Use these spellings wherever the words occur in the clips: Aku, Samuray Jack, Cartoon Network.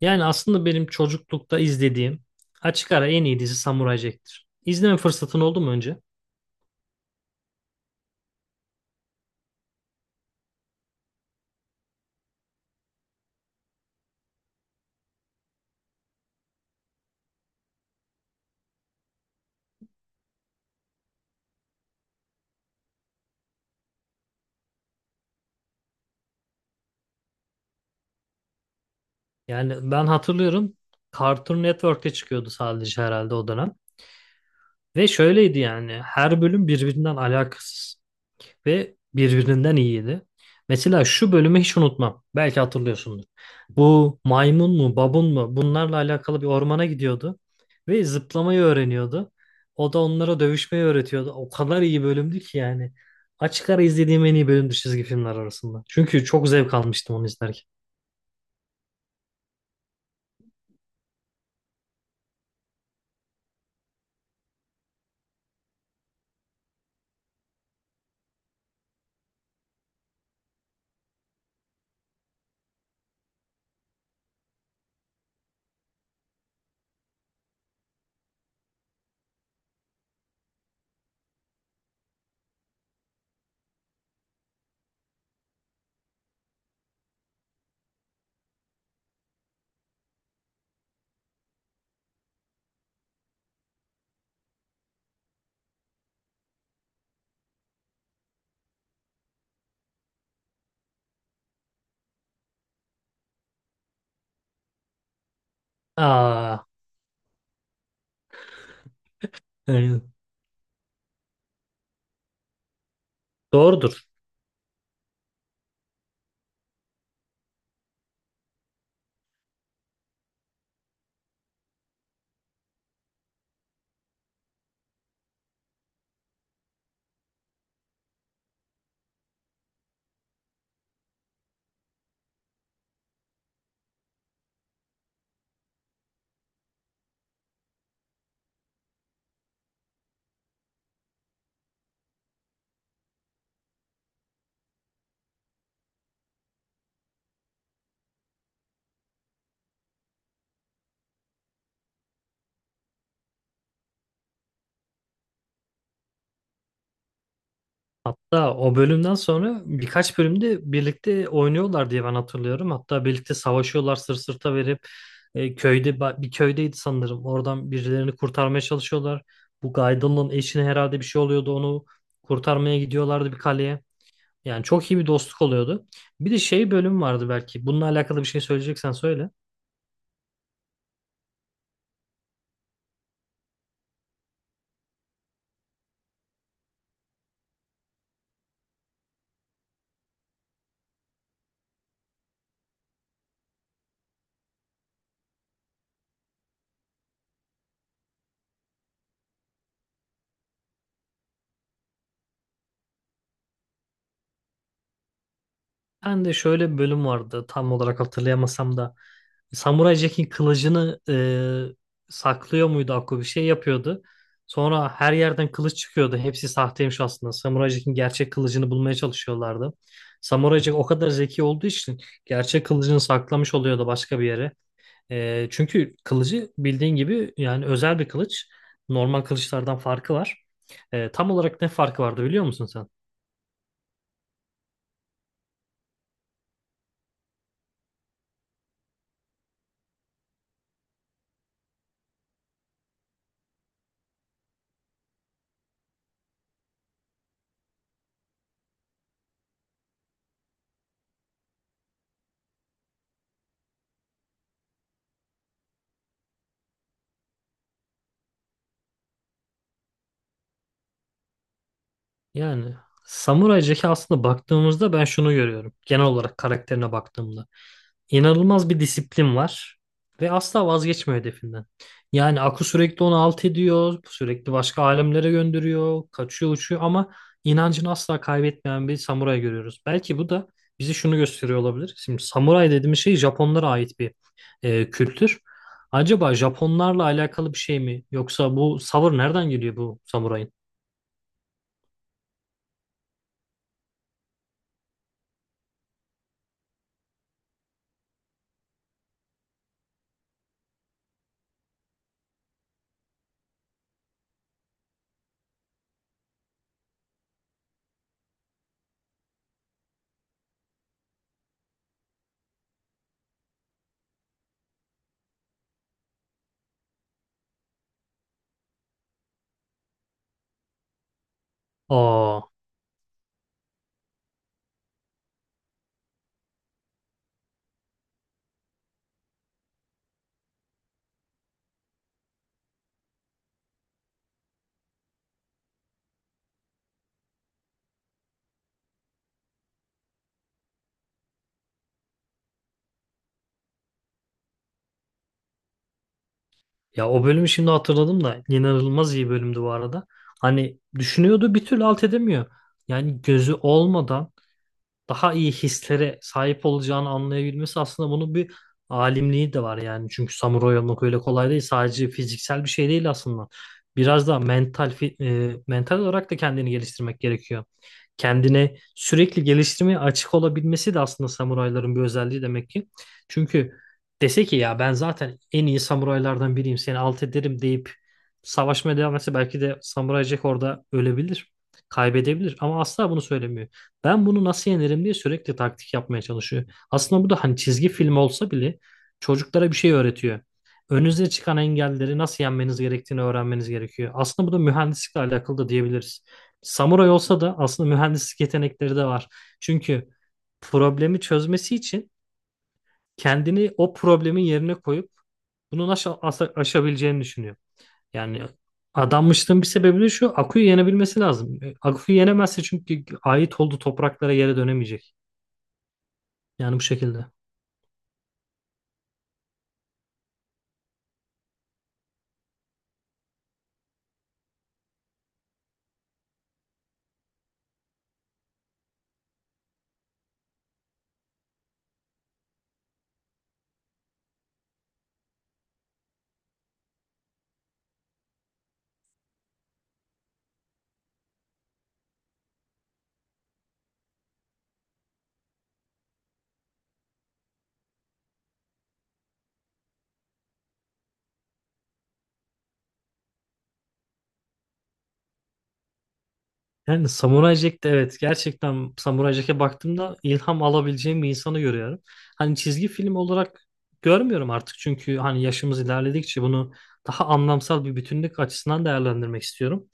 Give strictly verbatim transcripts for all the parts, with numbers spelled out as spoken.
Yani aslında benim çocuklukta izlediğim açık ara en iyi dizi Samuray Jack'tir. İzleme fırsatın oldu mu önce? Yani ben hatırlıyorum, Cartoon Network'te çıkıyordu sadece herhalde o dönem. Ve şöyleydi yani, her bölüm birbirinden alakasız ve birbirinden iyiydi. Mesela şu bölümü hiç unutmam. Belki hatırlıyorsundur. Bu maymun mu, babun mu, bunlarla alakalı bir ormana gidiyordu ve zıplamayı öğreniyordu. O da onlara dövüşmeyi öğretiyordu. O kadar iyi bölümdü ki yani. Açık ara izlediğim en iyi bölümdü çizgi filmler arasında. Çünkü çok zevk almıştım onu izlerken. Aa, yani doğrudur. Hatta o bölümden sonra birkaç bölümde birlikte oynuyorlar diye ben hatırlıyorum. Hatta birlikte savaşıyorlar sırt sırta verip e, köyde ba- bir köydeydi sanırım. Oradan birilerini kurtarmaya çalışıyorlar. Bu Gaidon'un eşine herhalde bir şey oluyordu. Onu kurtarmaya gidiyorlardı bir kaleye. Yani çok iyi bir dostluk oluyordu. Bir de şey bölüm vardı belki. Bununla alakalı bir şey söyleyeceksen söyle. Ben de şöyle bir bölüm vardı, tam olarak hatırlayamasam da Samuray Jack'in kılıcını e, saklıyor muydu, Akko bir şey yapıyordu. Sonra her yerden kılıç çıkıyordu. Hepsi sahteymiş aslında. Samuray Jack'in gerçek kılıcını bulmaya çalışıyorlardı. Samuray Jack o kadar zeki olduğu için gerçek kılıcını saklamış oluyordu başka bir yere. E, çünkü kılıcı bildiğin gibi yani özel bir kılıç. Normal kılıçlardan farkı var. E, tam olarak ne farkı vardı, biliyor musun sen? Yani Samuray Jack'e aslında baktığımızda ben şunu görüyorum. Genel olarak karakterine baktığımda, İnanılmaz bir disiplin var ve asla vazgeçmiyor hedefinden. Yani Aku sürekli onu alt ediyor, sürekli başka alemlere gönderiyor, kaçıyor, uçuyor ama inancını asla kaybetmeyen bir samuray görüyoruz. Belki bu da bize şunu gösteriyor olabilir. Şimdi samuray dediğimiz şey Japonlara ait bir e, kültür. Acaba Japonlarla alakalı bir şey mi? Yoksa bu savır nereden geliyor, bu samurayın? Aa, ya o bölümü şimdi hatırladım da inanılmaz iyi bölümdü bu arada. Hani düşünüyordu, bir türlü alt edemiyor. Yani gözü olmadan daha iyi hislere sahip olacağını anlayabilmesi, aslında bunun bir alimliği de var yani. Çünkü samuray olmak öyle kolay değil. Sadece fiziksel bir şey değil aslında. Biraz da mental fi- e, mental olarak da kendini geliştirmek gerekiyor. Kendine sürekli geliştirmeye açık olabilmesi de aslında samurayların bir özelliği demek ki. Çünkü dese ki ya ben zaten en iyi samuraylardan biriyim, seni alt ederim deyip savaşmaya devam etse belki de Samuray Jack orada ölebilir, kaybedebilir ama asla bunu söylemiyor. Ben bunu nasıl yenerim diye sürekli taktik yapmaya çalışıyor. Aslında bu da hani çizgi film olsa bile çocuklara bir şey öğretiyor. Önünüze çıkan engelleri nasıl yenmeniz gerektiğini öğrenmeniz gerekiyor. Aslında bu da mühendislikle alakalı da diyebiliriz. Samuray olsa da aslında mühendislik yetenekleri de var. Çünkü problemi çözmesi için kendini o problemin yerine koyup bunu nasıl aşa- aşabileceğini düşünüyor. Yani adanmışlığın bir sebebi de şu. Aku'yu yenebilmesi lazım. E, Aku'yu yenemezse çünkü ait olduğu topraklara, yere dönemeyecek. Yani bu şekilde. Yani Samurai Jack'te evet, gerçekten Samurai Jack'e baktığımda ilham alabileceğim bir insanı görüyorum. Hani çizgi film olarak görmüyorum artık, çünkü hani yaşımız ilerledikçe bunu daha anlamsal bir bütünlük açısından değerlendirmek istiyorum.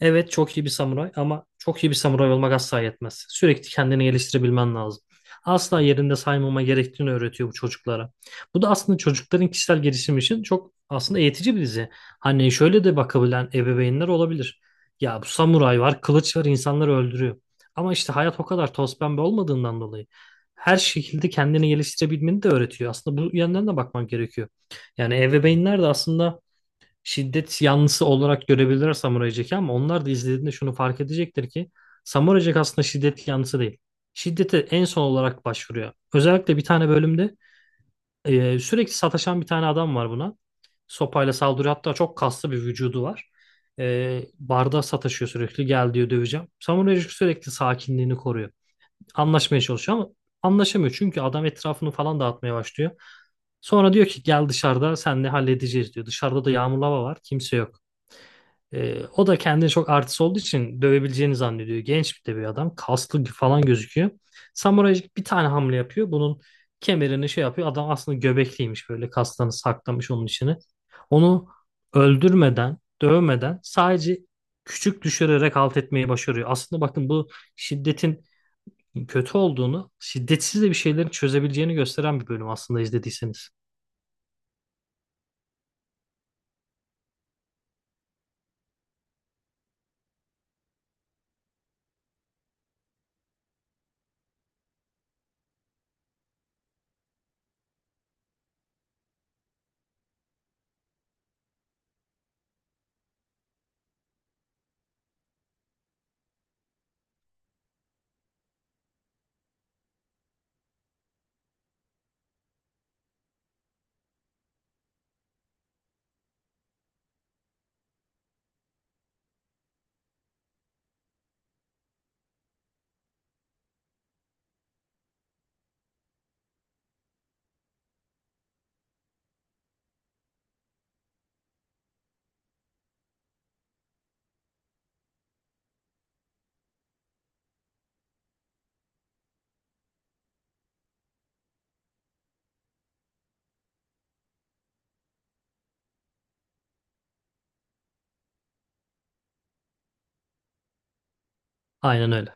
Evet, çok iyi bir samuray ama çok iyi bir samuray olmak asla yetmez. Sürekli kendini geliştirebilmen lazım. Asla yerinde saymama gerektiğini öğretiyor bu çocuklara. Bu da aslında çocukların kişisel gelişimi için çok aslında eğitici bir dizi. Hani şöyle de bakabilen ebeveynler olabilir. Ya bu samuray var, kılıç var, insanları öldürüyor. Ama işte hayat o kadar toz pembe olmadığından dolayı her şekilde kendini geliştirebilmeni de öğretiyor. Aslında bu yönden de bakmak gerekiyor. Yani ebeveynler de aslında şiddet yanlısı olarak görebilirler Samuray Jack'i ama onlar da izlediğinde şunu fark edecektir ki Samuray Jack aslında şiddet yanlısı değil. Şiddete en son olarak başvuruyor. Özellikle bir tane bölümde ee, sürekli sataşan bir tane adam var buna. Sopayla saldırıyor. Hatta çok kaslı bir vücudu var. Ee, barda sataşıyor sürekli. Gel diyor, döveceğim. Samurai sürekli sakinliğini koruyor. Anlaşmaya çalışıyor ama anlaşamıyor. Çünkü adam etrafını falan dağıtmaya başlıyor. Sonra diyor ki gel, dışarıda senle halledeceğiz diyor. Dışarıda da yağmurlu hava var. Kimse yok. Ee, o da kendini çok artist olduğu için dövebileceğini zannediyor. Genç bir de bir adam. Kaslı falan gözüküyor. Samuray bir tane hamle yapıyor. Bunun kemerini şey yapıyor. Adam aslında göbekliymiş, böyle kaslarını saklamış onun içine. Onu öldürmeden, dövmeden sadece küçük düşürerek alt etmeyi başarıyor. Aslında bakın bu şiddetin kötü olduğunu, şiddetsiz de bir şeylerin çözebileceğini gösteren bir bölüm aslında, izlediyseniz. Aynen öyle.